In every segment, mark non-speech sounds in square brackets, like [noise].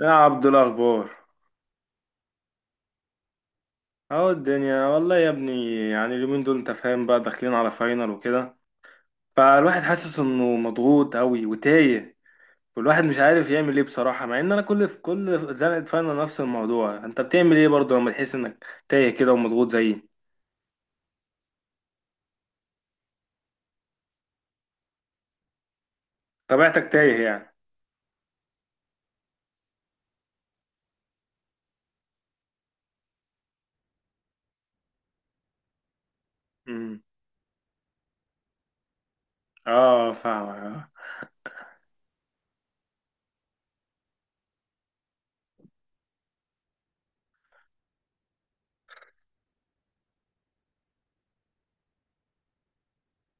يا عبد الاخبار. اهو الدنيا والله يا ابني، يعني اليومين دول انت فاهم بقى، داخلين على فاينل وكده، فالواحد حاسس انه مضغوط قوي وتايه. والواحد مش عارف يعمل ايه بصراحة، مع ان انا في كل زنقة فاينل نفس الموضوع. انت بتعمل ايه برضه لما تحس انك تايه كده ومضغوط زيي؟ طبيعتك تايه يعني؟ امم. اه، فاهمك اه.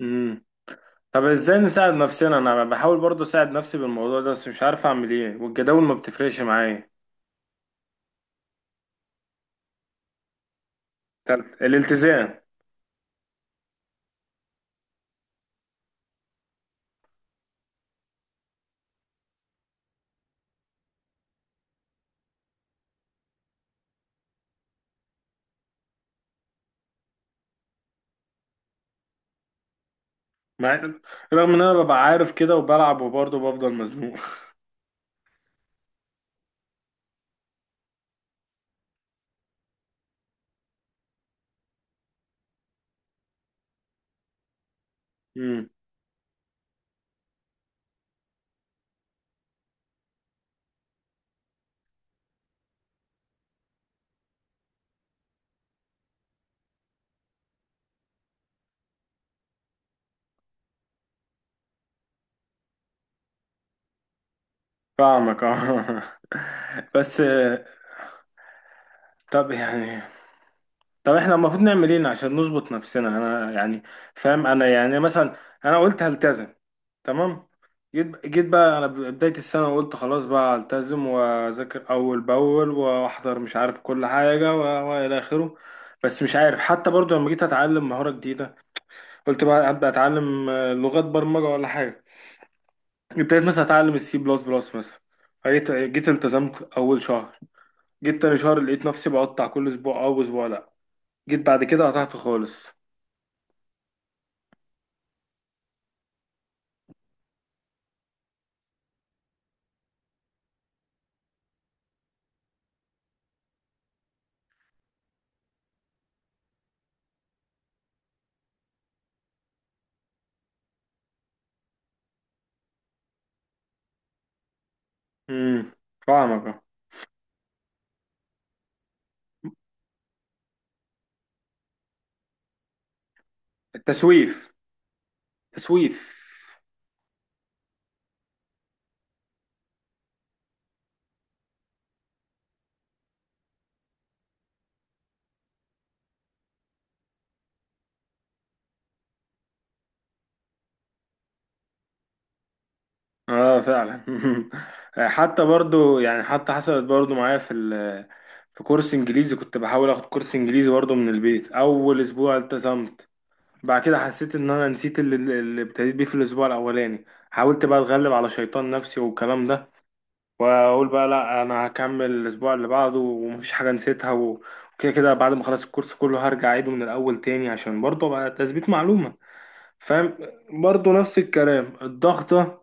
امم. طب ازاي نساعد نفسنا؟ انا بحاول برضه اساعد نفسي بالموضوع ده، بس مش عارف اعمل ايه، والجداول ما بتفرقش معايا. تالت الالتزام. مع رغم ان انا ببقى عارف كده وبلعب وبرضه بفضل مزنوق. امم، فاهمك اه. [laughs] بس طب يعني، طب احنا المفروض نعمل ايه عشان نظبط نفسنا؟ انا يعني فاهم، انا يعني مثلا انا قلت هلتزم. تمام. جيت بقى انا بداية السنة، وقلت خلاص بقى هلتزم واذاكر اول باول واحضر، مش عارف كل حاجة والى اخره. بس مش عارف، حتى برضه لما جيت اتعلم مهارة جديدة قلت بقى ابدا اتعلم لغات برمجة ولا حاجة. ابتديت مثلا اتعلم السي بلس بلس مثلا. جيت التزمت اول شهر. جيت تاني شهر لقيت نفسي بقطع كل اسبوع او اسبوع، لا، جيت بعد كده قطعت خالص. امم، فاهمك آه. التسويف. تسويف. اه فعلا. [laughs] حتى برضو يعني، حتى حصلت برضو معايا في ال... في كورس انجليزي. كنت بحاول اخد كورس انجليزي برضو من البيت. اول اسبوع التزمت. بعد كده حسيت ان انا نسيت اللي ابتديت بيه في الاسبوع الاولاني. حاولت بقى اتغلب على شيطان نفسي والكلام ده، واقول بقى لا انا هكمل الاسبوع اللي بعده ومفيش حاجه نسيتها وكده كده، بعد ما اخلص الكورس كله هرجع اعيده من الاول تاني عشان برضه بقى تثبيت معلومه، فاهم؟ برضه نفس الكلام، الضغطه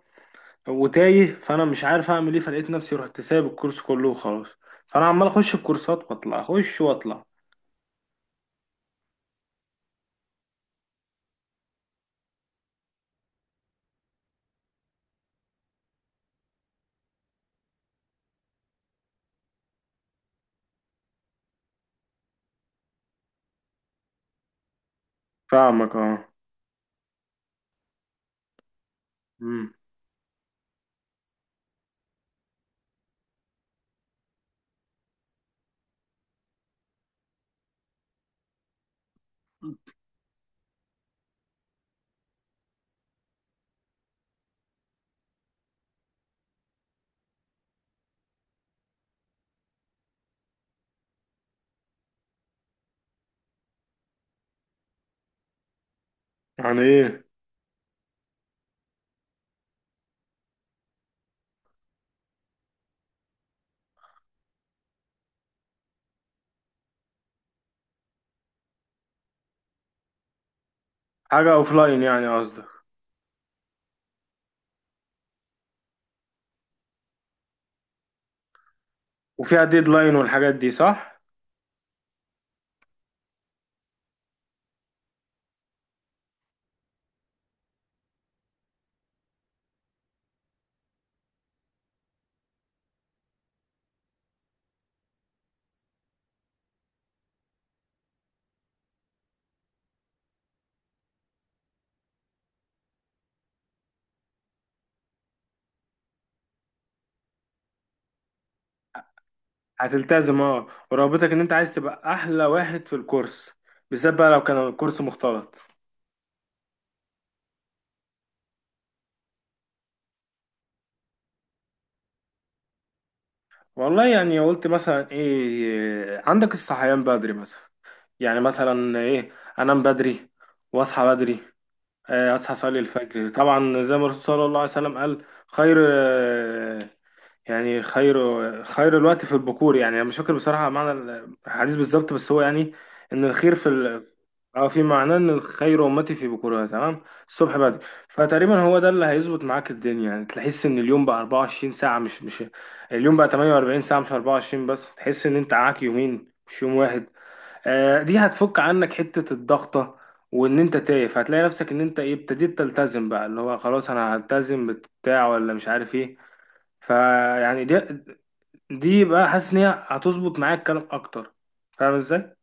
وتايه، فانا مش عارف اعمل ايه، فلقيت نفسي رحت سايب الكورس كله وخلاص. فانا عمال اخش في كورسات واطلع، اخش واطلع. فاهمك اه. امم. يعني ايه؟ حاجه اوفلاين يعني قصدك؟ وفيها ديدلاين والحاجات دي، صح؟ هتلتزم اه، ورغبتك ان انت عايز تبقى احلى واحد في الكورس، بالذات بقى لو كان الكورس مختلط. والله، يعني قلت مثلا ايه عندك؟ الصحيان بدري مثلا، يعني مثلا ايه؟ انام بدري واصحى بدري. اصحى اصلي الفجر، طبعا زي ما الرسول صلى الله عليه وسلم قال: خير. يعني خير، خير الوقت في البكور. يعني انا مش فاكر بصراحه معنى الحديث بالظبط، بس هو يعني ان الخير في ال... اه، في معناه ان الخير امتي في بكورها. تمام. الصبح بدري. فتقريبا هو ده اللي هيظبط معاك الدنيا، يعني تحس ان اليوم بقى 24 ساعه، مش اليوم بقى 48 ساعه مش 24، بس تحس ان انت معاك يومين مش يوم واحد. آه، دي هتفك عنك حته الضغطه، وان انت تايه، فهتلاقي نفسك ان انت ايه، ابتديت تلتزم بقى، اللي هو خلاص انا هلتزم بتاع ولا مش عارف ايه. فيعني، دي بقى حاسس ان هي هتظبط معايا الكلام اكتر. فاهم ازاي؟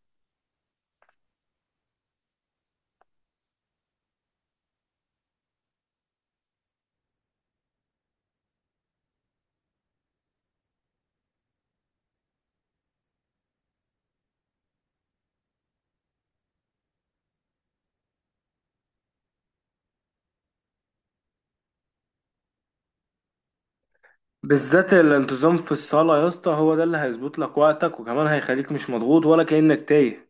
بالذات الانتظام في الصلاة يا اسطى، هو ده اللي هيظبط لك وقتك، وكمان هيخليك مش مضغوط ولا كأنك تايه.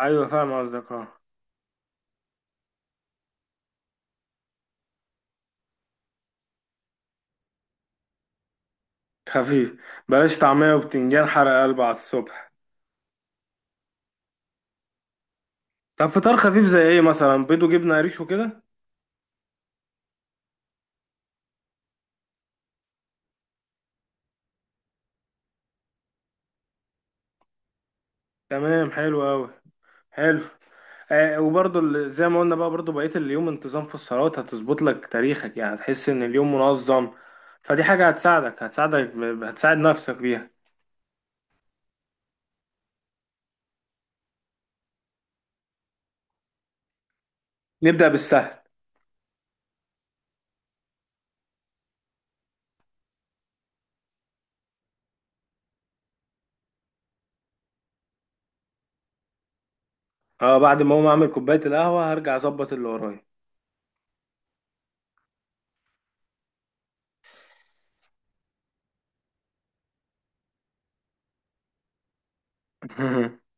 ايوه فاهم قصدك اه. خفيف. بلاش طعمية وبتنجان حرق قلب على الصبح. طب فطار خفيف زي ايه مثلا؟ بيض وجبنة قريش وكده؟ تمام، حلو اوي. حلو. وبرضه زي ما قلنا بقى برضه بقية اليوم انتظام في الصلوات هتظبط لك تاريخك، يعني هتحس ان اليوم منظم. فدي حاجة هتساعدك، هتساعدك، هتساعد نفسك بيها. نبدأ بالسهل. اه، بعد ما اقوم اعمل كوباية القهوة هرجع اظبط اللي ورايا. [laughs]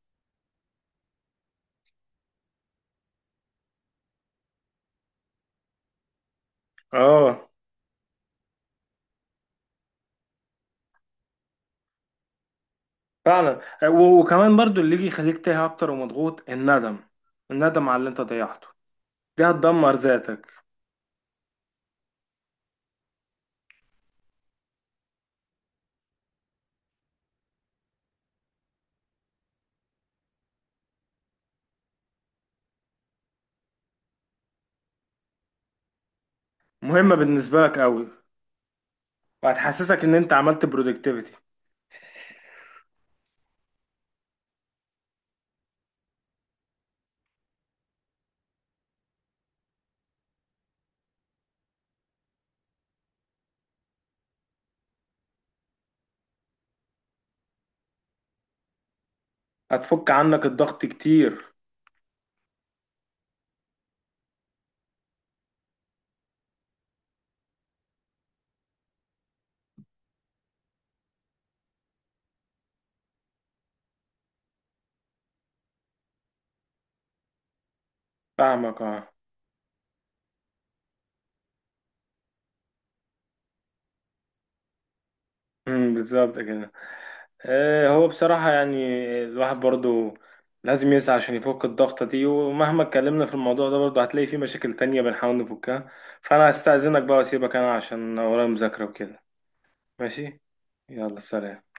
اه فعلا. وكمان برضه اللي يجي يخليك تايه اكتر ومضغوط: الندم. الندم على اللي انت ضيعته، دي هتدمر ذاتك. مهمة بالنسبة لك قوي. وهتحسسك ان انت عملت برودكتيفيتي. هتفك عنك الضغط كتير. فاهمك اه. امم، بالظبط كده. هو بصراحة يعني، الواحد برضو لازم يسعى عشان يفك الضغطة دي، ومهما اتكلمنا في الموضوع ده برضو هتلاقي فيه مشاكل تانية بنحاول نفكها. فأنا هستأذنك بقى وأسيبك أنا عشان ورايا مذاكرة وكده. ماشي. يلا سلام.